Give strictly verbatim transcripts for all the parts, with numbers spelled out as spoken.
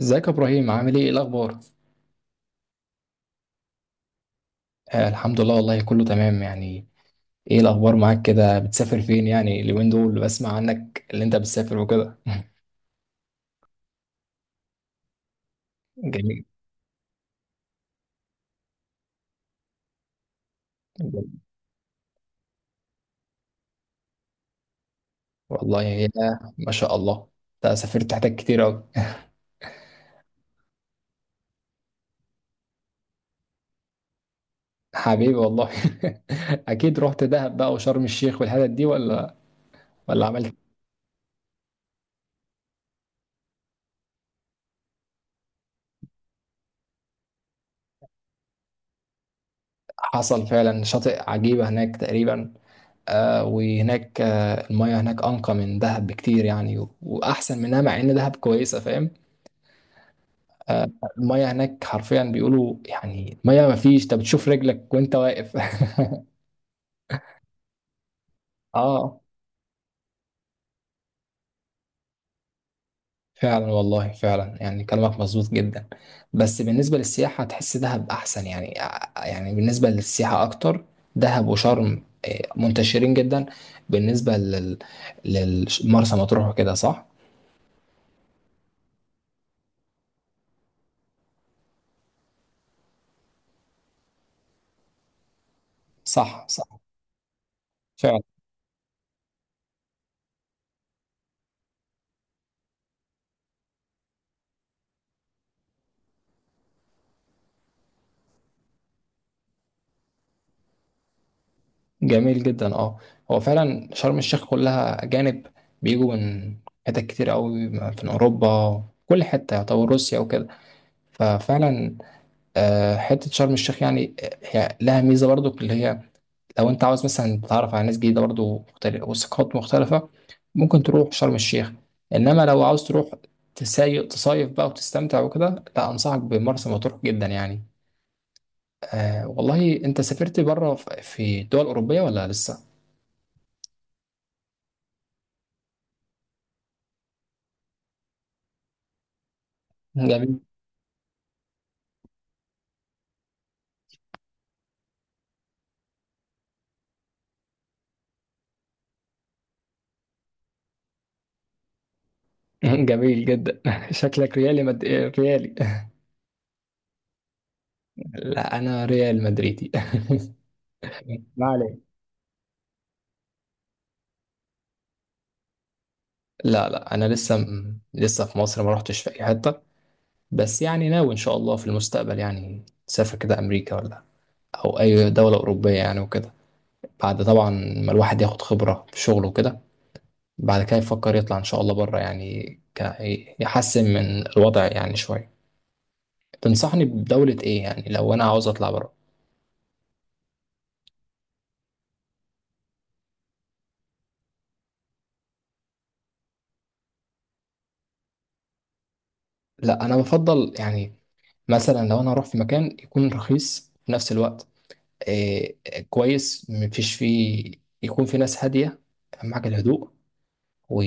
ازيك يا ابراهيم؟ عامل ايه؟ إيه الاخبار؟ آه، الحمد لله، والله كله تمام يعني. ايه الاخبار معاك؟ كده بتسافر فين يعني اليومين دول؟ بسمع عنك اللي انت بتسافر وكده. جميل جميل. والله يا... ما شاء الله، انت سافرت حتت كتير اوي. حبيبي والله. اكيد رحت دهب بقى وشرم الشيخ والحتت دي؟ ولا ولا عملت؟ حصل فعلا، شاطئ عجيبة هناك تقريبا. آه، وهناك آه المياه هناك انقى من دهب بكتير يعني، و- واحسن منها، مع ان دهب كويسة، فاهم؟ آه، المية هناك حرفيا بيقولوا يعني مية، ما فيش، انت بتشوف رجلك وانت واقف. اه، فعلا والله فعلا، يعني كلامك مظبوط جدا. بس بالنسبة للسياحة تحس دهب احسن يعني، آه، يعني بالنسبة للسياحة اكتر، دهب وشرم منتشرين جدا بالنسبة لل للمرسى مطروح وكده، صح؟ صح، صح فعلا، جميل جدا. اه، هو فعلا شرم الشيخ كلها أجانب، بيجوا من حتت كتير قوي من أوروبا، كل حتة، يعتبر روسيا وكده. ففعلا آه، حتة شرم الشيخ يعني، آه، هي لها ميزة برضو، اللي هي لو انت عاوز مثلا تتعرف على ناس جديده برضو مختلفه وثقافات مختلفه، ممكن تروح شرم الشيخ. انما لو عاوز تروح تساي- تصيف بقى وتستمتع وكده، لا، انصحك بمرسى مطروح جدا يعني. آه، والله انت سافرت بره في في دول اوروبيه ولا لسه؟ جميل. جميل جدا. شكلك ريالي مد... ريالي. لا انا ريال مدريدي. ما عليك. لا لا، انا لسه م... لسه في مصر، ما رحتش في اي حته. بس يعني ناوي ان شاء الله في المستقبل يعني سافر كده امريكا ولا او اي دوله اوروبيه يعني وكده، بعد طبعا ما الواحد ياخد خبره في شغله وكده، بعد كده يفكر يطلع ان شاء الله بره يعني، ك... يحسن من الوضع يعني شويه. تنصحني بدوله ايه يعني لو انا عاوز اطلع بره؟ لا، انا بفضل يعني مثلا لو انا هروح في مكان، يكون رخيص في نفس الوقت، إيه، كويس، مفيش فيه، يكون في ناس هادية، اهم حاجة الهدوء، و...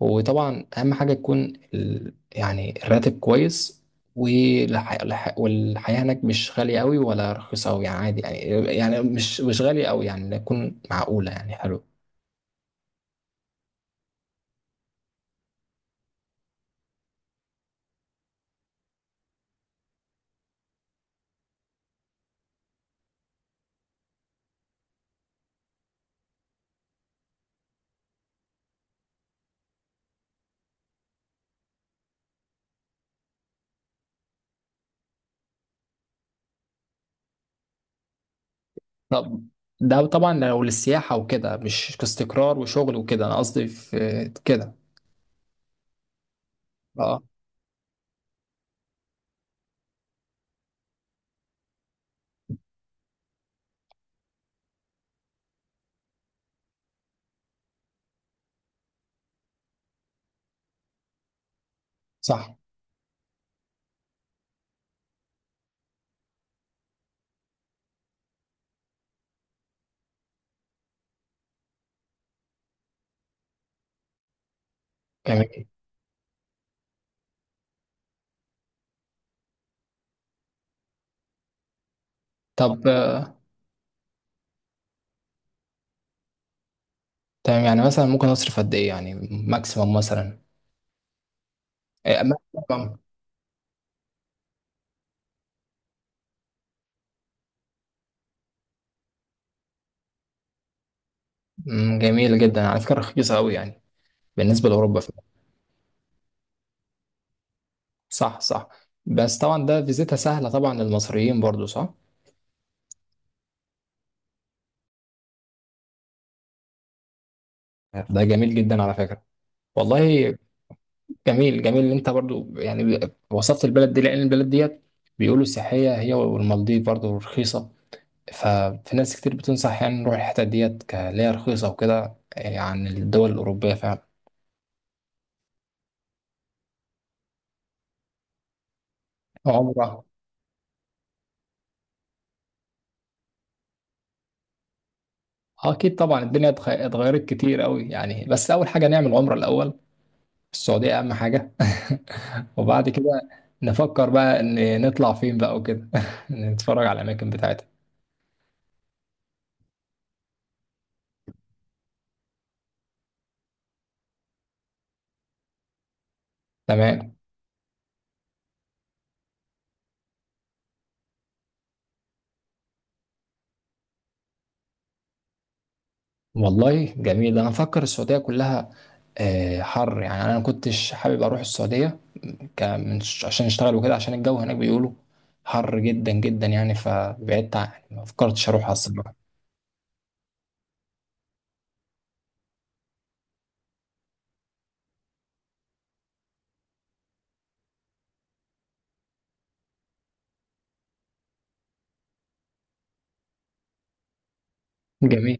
وطبعا اهم حاجة تكون ال... يعني الراتب كويس، والح... الح... والحياة هناك مش غالية قوي ولا رخيصة قوي، يعني عادي يعني، يعني مش مش غالية قوي، يعني تكون معقولة يعني، حلو. طب ده طبعا لو للسياحة وكده، مش كاستقرار وشغل وكده، انا قصدي في كده. اه، صح، جميل. طب تمام، يعني مثلا ممكن اصرف قد ايه يعني؟ ماكسيمم مثلا؟ إيه، ماكسيمم. مم، جميل جدا، على فكره رخيصه قوي يعني بالنسبه لاوروبا فعلا. صح صح. بس طبعا ده فيزيتها سهله طبعا للمصريين برضو، صح؟ ده جميل جدا على فكره والله. جميل جميل ان انت برضو يعني وصفت البلد دي، لان البلد ديت بيقولوا سياحيه هي والمالديف برضو رخيصه، ففي ناس كتير بتنصح يعني نروح الحتت ديت، كليها رخيصه وكده يعني، الدول الاوروبيه فعلا. عمره. آه، اكيد طبعا الدنيا اتخ- اتغيرت كتير قوي يعني. بس اول حاجه نعمل عمره الاول في السعوديه، اهم حاجه. وبعد كده نفكر بقى ان نطلع فين بقى وكده. نتفرج على الاماكن بتاعتها. تمام. والله جميل. انا مفكر السعوديه كلها آه، حر يعني، انا ما كنتش حابب اروح السعوديه ك- من ش- عشان اشتغل وكده، عشان الجو هناك بيقولوا حر جدا جدا يعني، فبعدت عن- ما فكرتش اروحها الصراحه. جميل.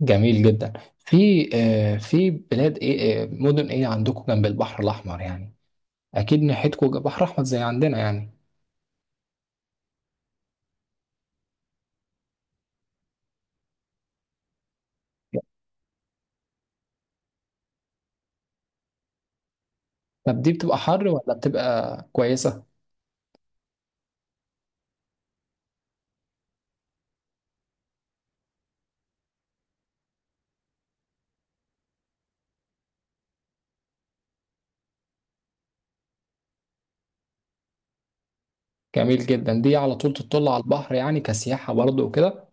جميل جدا. في آه، في بلاد ايه آه، مدن ايه عندكم جنب البحر الاحمر يعني؟ اكيد ناحيتكم بحر احمر زي عندنا يعني. طب دي بتبقى حر ولا بتبقى كويسة؟ جميل جدا، دي على طول تطل على البحر يعني، كسياحة برضه وكده.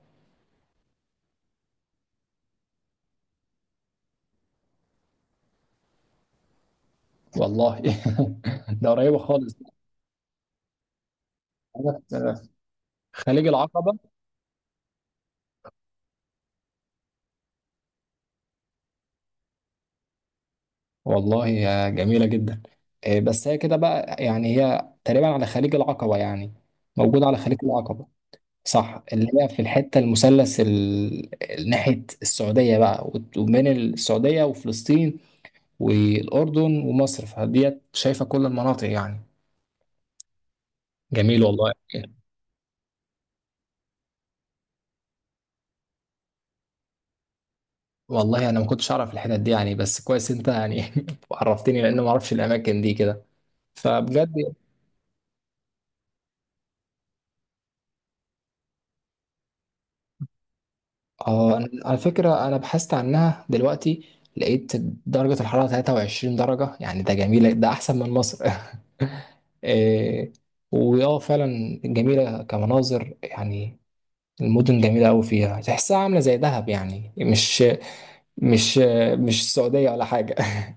والله. ده قريبة خالص. أنا في خليج العقبة. والله يا، جميلة جدا. آه، بس هي كده بقى يعني، هي تقريبا على خليج العقبة يعني، موجودة على خليج العقبة. صح، اللي هي في الحتة المثلث ال- ال- ناحية السعودية بقى، وت- وبين السعودية وفلسطين والأردن ومصر، فديت شايفة كل المناطق يعني. جميل والله. والله أنا ما كنتش أعرف الحتت دي يعني، بس كويس أنت يعني عرفتني، لأن ما أعرفش الأماكن دي كده، فبجد. آه أنا- على فكرة أنا بحثت عنها دلوقتي، لقيت درجة الحرارة ثلاثة وعشرين درجة يعني، ده جميل، ده أحسن من مصر. إيه، وياه فعلا جميلة كمناظر يعني، المدن جميلة أوي، فيها تحسها عاملة زي دهب يعني، مش مش مش السعودية ولا حاجة.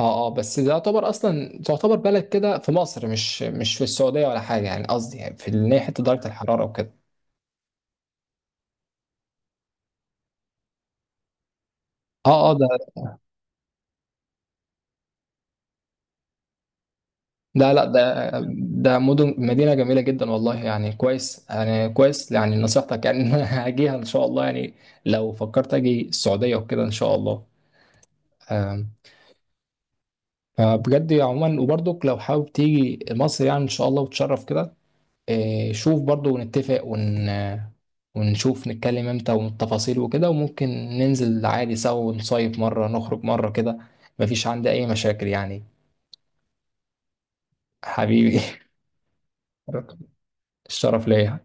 اه اه، بس ده يعتبر أصلا تعتبر بلد كده في مصر، مش مش في السعودية ولا حاجة يعني، قصدي يعني في إن هي حتة درجة الحرارة وكده. اه اه، ده ده لا ده ده مدن، مدينة جميلة جدا والله، يعني كويس يعني، كويس يعني نصيحتك يعني، إن أنا هاجيها إن شاء الله يعني لو فكرت أجي السعودية وكده إن شاء الله. آم، فبجد عموما، وبرضك لو حابب تيجي مصر يعني إن شاء الله وتشرف كده، آه، شوف برضو ونتفق ون... ونشوف، نتكلم امتى والتفاصيل وكده، وممكن ننزل عادي سوا، ونصيف مرة، نخرج مرة كده، مفيش عندي أي مشاكل يعني. حبيبي. الشرف ليا.